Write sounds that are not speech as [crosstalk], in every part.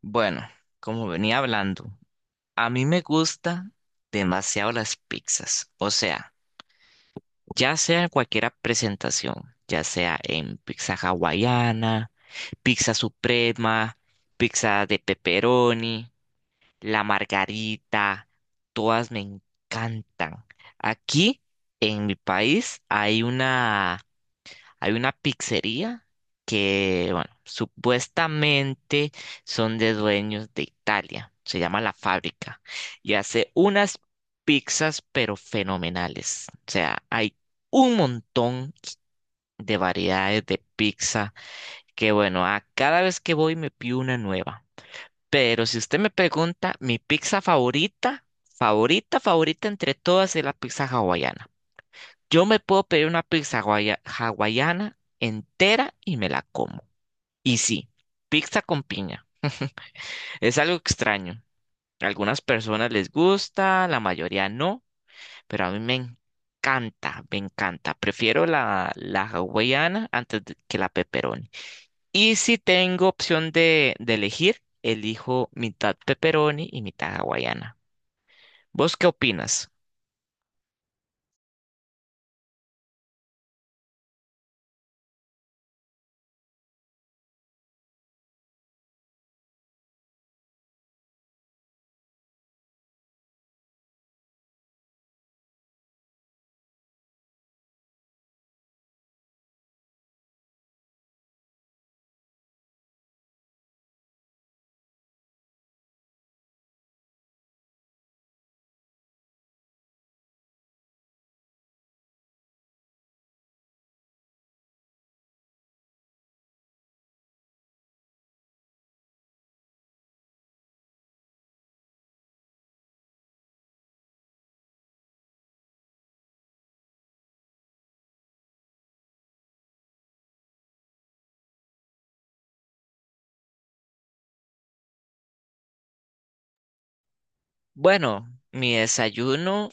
Bueno, como venía hablando, a mí me gusta demasiado las pizzas. O sea, ya sea en cualquier presentación, ya sea en pizza hawaiana, pizza suprema, pizza de pepperoni, la margarita, todas me encantan. Aquí en mi país hay una hay una pizzería que, bueno, supuestamente son de dueños de Italia. Se llama La Fábrica y hace unas pizzas pero fenomenales. O sea, hay un montón de variedades de pizza que, bueno, a cada vez que voy me pido una nueva. Pero si usted me pregunta, mi pizza favorita, favorita, favorita entre todas es la pizza hawaiana. Yo me puedo pedir una hawaiana entera y me la como. Y sí, pizza con piña. [laughs] Es algo extraño. A algunas personas les gusta, la mayoría no, pero a mí me encanta, me encanta. Prefiero la hawaiana que la pepperoni. Y si tengo opción de elegir, elijo mitad pepperoni y mitad hawaiana. ¿Vos qué opinas? Bueno, mi desayuno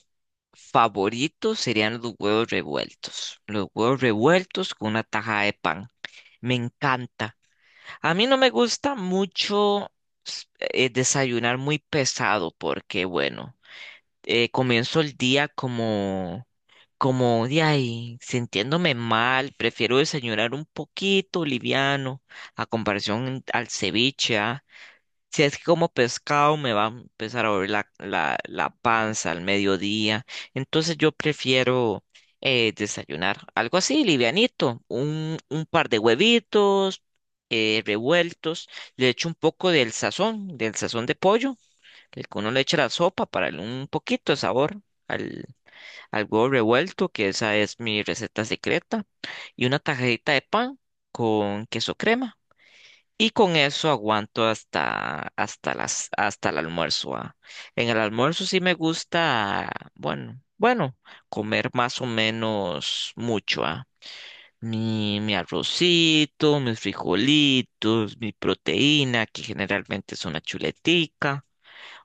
favorito serían los huevos revueltos. Los huevos revueltos con una taja de pan. Me encanta. A mí no me gusta mucho desayunar muy pesado porque, bueno, comienzo el día como, como de ahí, sintiéndome mal. Prefiero desayunar un poquito liviano a comparación al ceviche, ¿ah? Si es que como pescado me va a empezar a doler la panza al mediodía. Entonces yo prefiero desayunar algo así, livianito. Un par de huevitos revueltos, le echo un poco del sazón de pollo, el que uno le echa a la sopa para darle un poquito de sabor al, al huevo revuelto, que esa es mi receta secreta, y una tajadita de pan con queso crema. Y con eso aguanto hasta el almuerzo, ah. En el almuerzo sí me gusta, bueno, bueno, comer más o menos mucho, ah. Mi arrocito, mis frijolitos, mi proteína, que generalmente es una chuletica,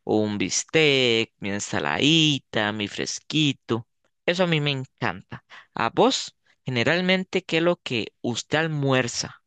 o un bistec, mi ensaladita, mi fresquito. Eso a mí me encanta. ¿A vos, generalmente, qué es lo que usted almuerza?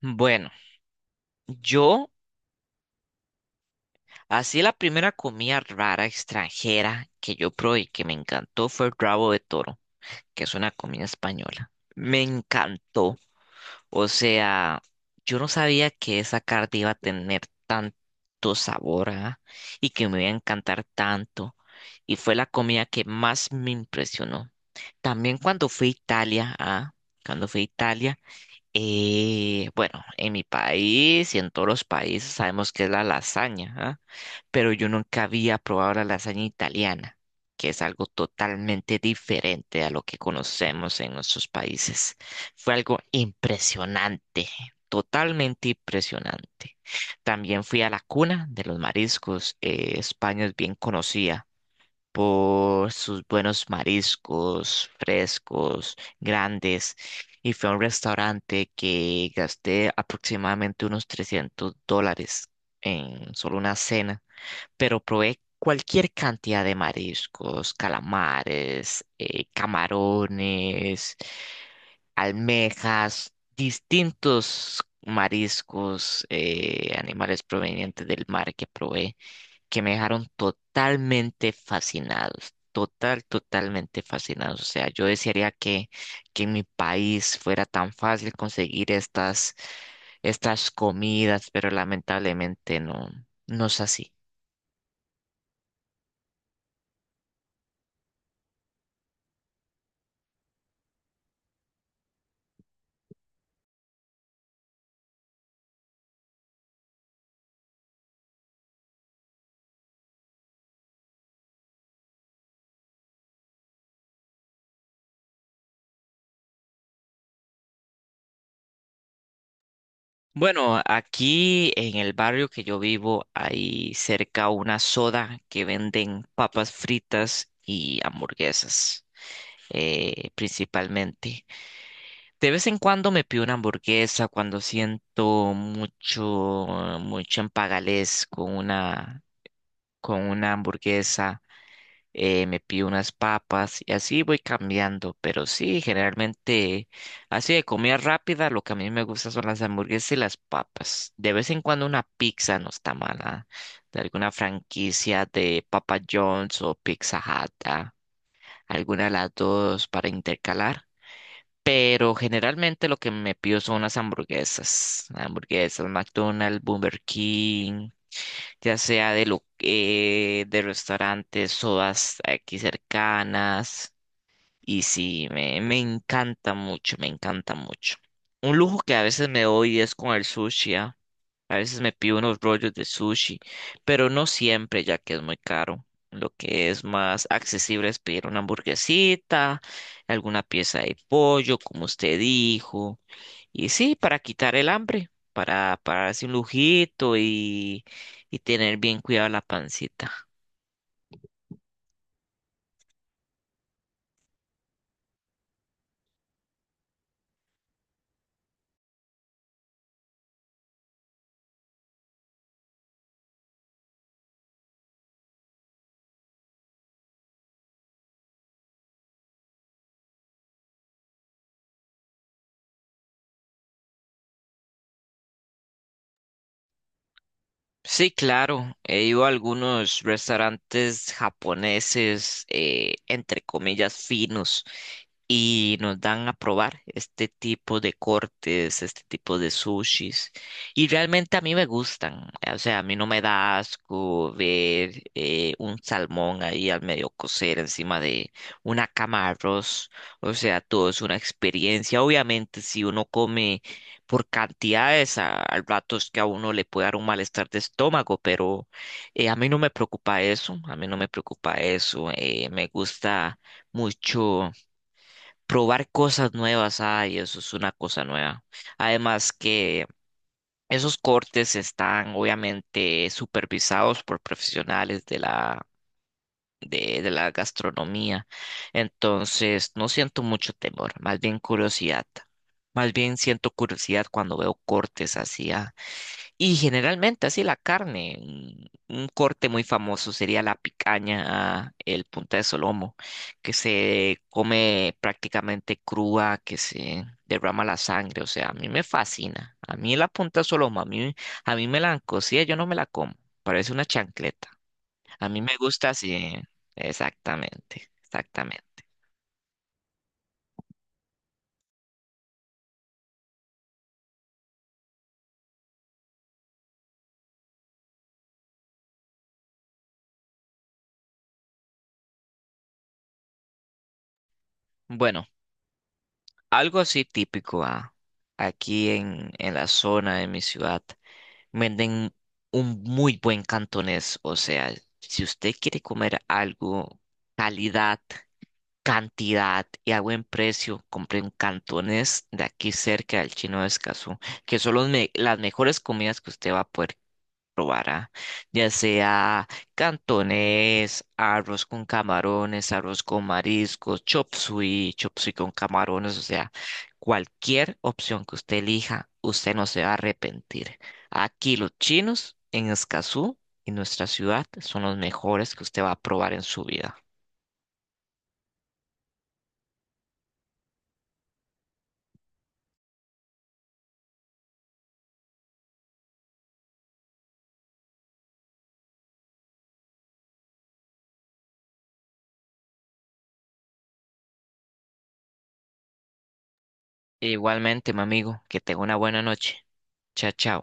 Bueno, yo, así la primera comida rara extranjera que yo probé y que me encantó fue el rabo de toro, que es una comida española. Me encantó. O sea, yo no sabía que esa carta iba a tener tanto sabor, ah, y que me iba a encantar tanto. Y fue la comida que más me impresionó. También cuando fui a Italia, ah, cuando fui a Italia. Bueno, en mi país y en todos los países sabemos que es la lasaña, ¿ah? Pero yo nunca había probado la lasaña italiana, que es algo totalmente diferente a lo que conocemos en nuestros países. Fue algo impresionante, totalmente impresionante. También fui a la cuna de los mariscos. España es bien conocida por sus buenos mariscos frescos, grandes, y fue a un restaurante que gasté aproximadamente unos $300 en solo una cena, pero probé cualquier cantidad de mariscos, calamares, camarones, almejas, distintos mariscos, animales provenientes del mar que probé que me dejaron totalmente fascinados, total, totalmente fascinados. O sea, yo desearía que en mi país fuera tan fácil conseguir estas, estas comidas, pero lamentablemente no, no es así. Bueno, aquí en el barrio que yo vivo hay cerca una soda que venden papas fritas y hamburguesas, principalmente. De vez en cuando me pido una hamburguesa cuando siento mucho, mucho empalaguez con una hamburguesa. Me pido unas papas y así voy cambiando. Pero sí, generalmente así de comida rápida, lo que a mí me gusta son las hamburguesas y las papas. De vez en cuando una pizza no está mala. De alguna franquicia de Papa John's o Pizza Hut, ah, alguna de las dos para intercalar. Pero generalmente lo que me pido son las hamburguesas. Hamburguesas, McDonald's, Burger King, ya sea de restaurantes, sodas aquí cercanas. Y sí, me encanta mucho, me encanta mucho. Un lujo que a veces me doy es con el sushi, ¿ah? A veces me pido unos rollos de sushi, pero no siempre, ya que es muy caro. Lo que es más accesible es pedir una hamburguesita, alguna pieza de pollo, como usted dijo. Y sí, para quitar el hambre, para darse un lujito y tener bien cuidada la pancita. Sí, claro, he ido a algunos restaurantes japoneses, entre comillas, finos, y nos dan a probar este tipo de cortes, este tipo de sushis. Y realmente a mí me gustan, o sea, a mí no me da asco ver un salmón ahí al medio cocer encima de una cama de arroz. O sea, todo es una experiencia. Obviamente, si uno come por cantidades, al rato es que a uno le puede dar un malestar de estómago, pero a mí no me preocupa eso, a mí no me preocupa eso. Me gusta mucho probar cosas nuevas. Ay, eso es una cosa nueva. Además que esos cortes están obviamente supervisados por profesionales de la, de la gastronomía, entonces no siento mucho temor, más bien curiosidad. Más bien siento curiosidad cuando veo cortes así, ah, y generalmente así la carne, un corte muy famoso sería la picaña, el punta de solomo, que se come prácticamente cruda, que se derrama la sangre, o sea, a mí me fascina. A mí la punta de solomo, a mí me la han cocido, yo no me la como, parece una chancleta. A mí me gusta así, exactamente, exactamente. Bueno. Algo así típico, ah, aquí en la zona de mi ciudad venden un muy buen cantonés. O sea, si usted quiere comer algo, calidad, cantidad y a buen precio, compre un cantonés de aquí cerca del Chino de Escazú, que son las mejores comidas que usted va a poder probara, ya sea cantonés, arroz con camarones, arroz con mariscos, chop suey con camarones, o sea, cualquier opción que usted elija, usted no se va a arrepentir. Aquí los chinos en Escazú y nuestra ciudad son los mejores que usted va a probar en su vida. E Igualmente, mi amigo, que tenga una buena noche. Chao, chao.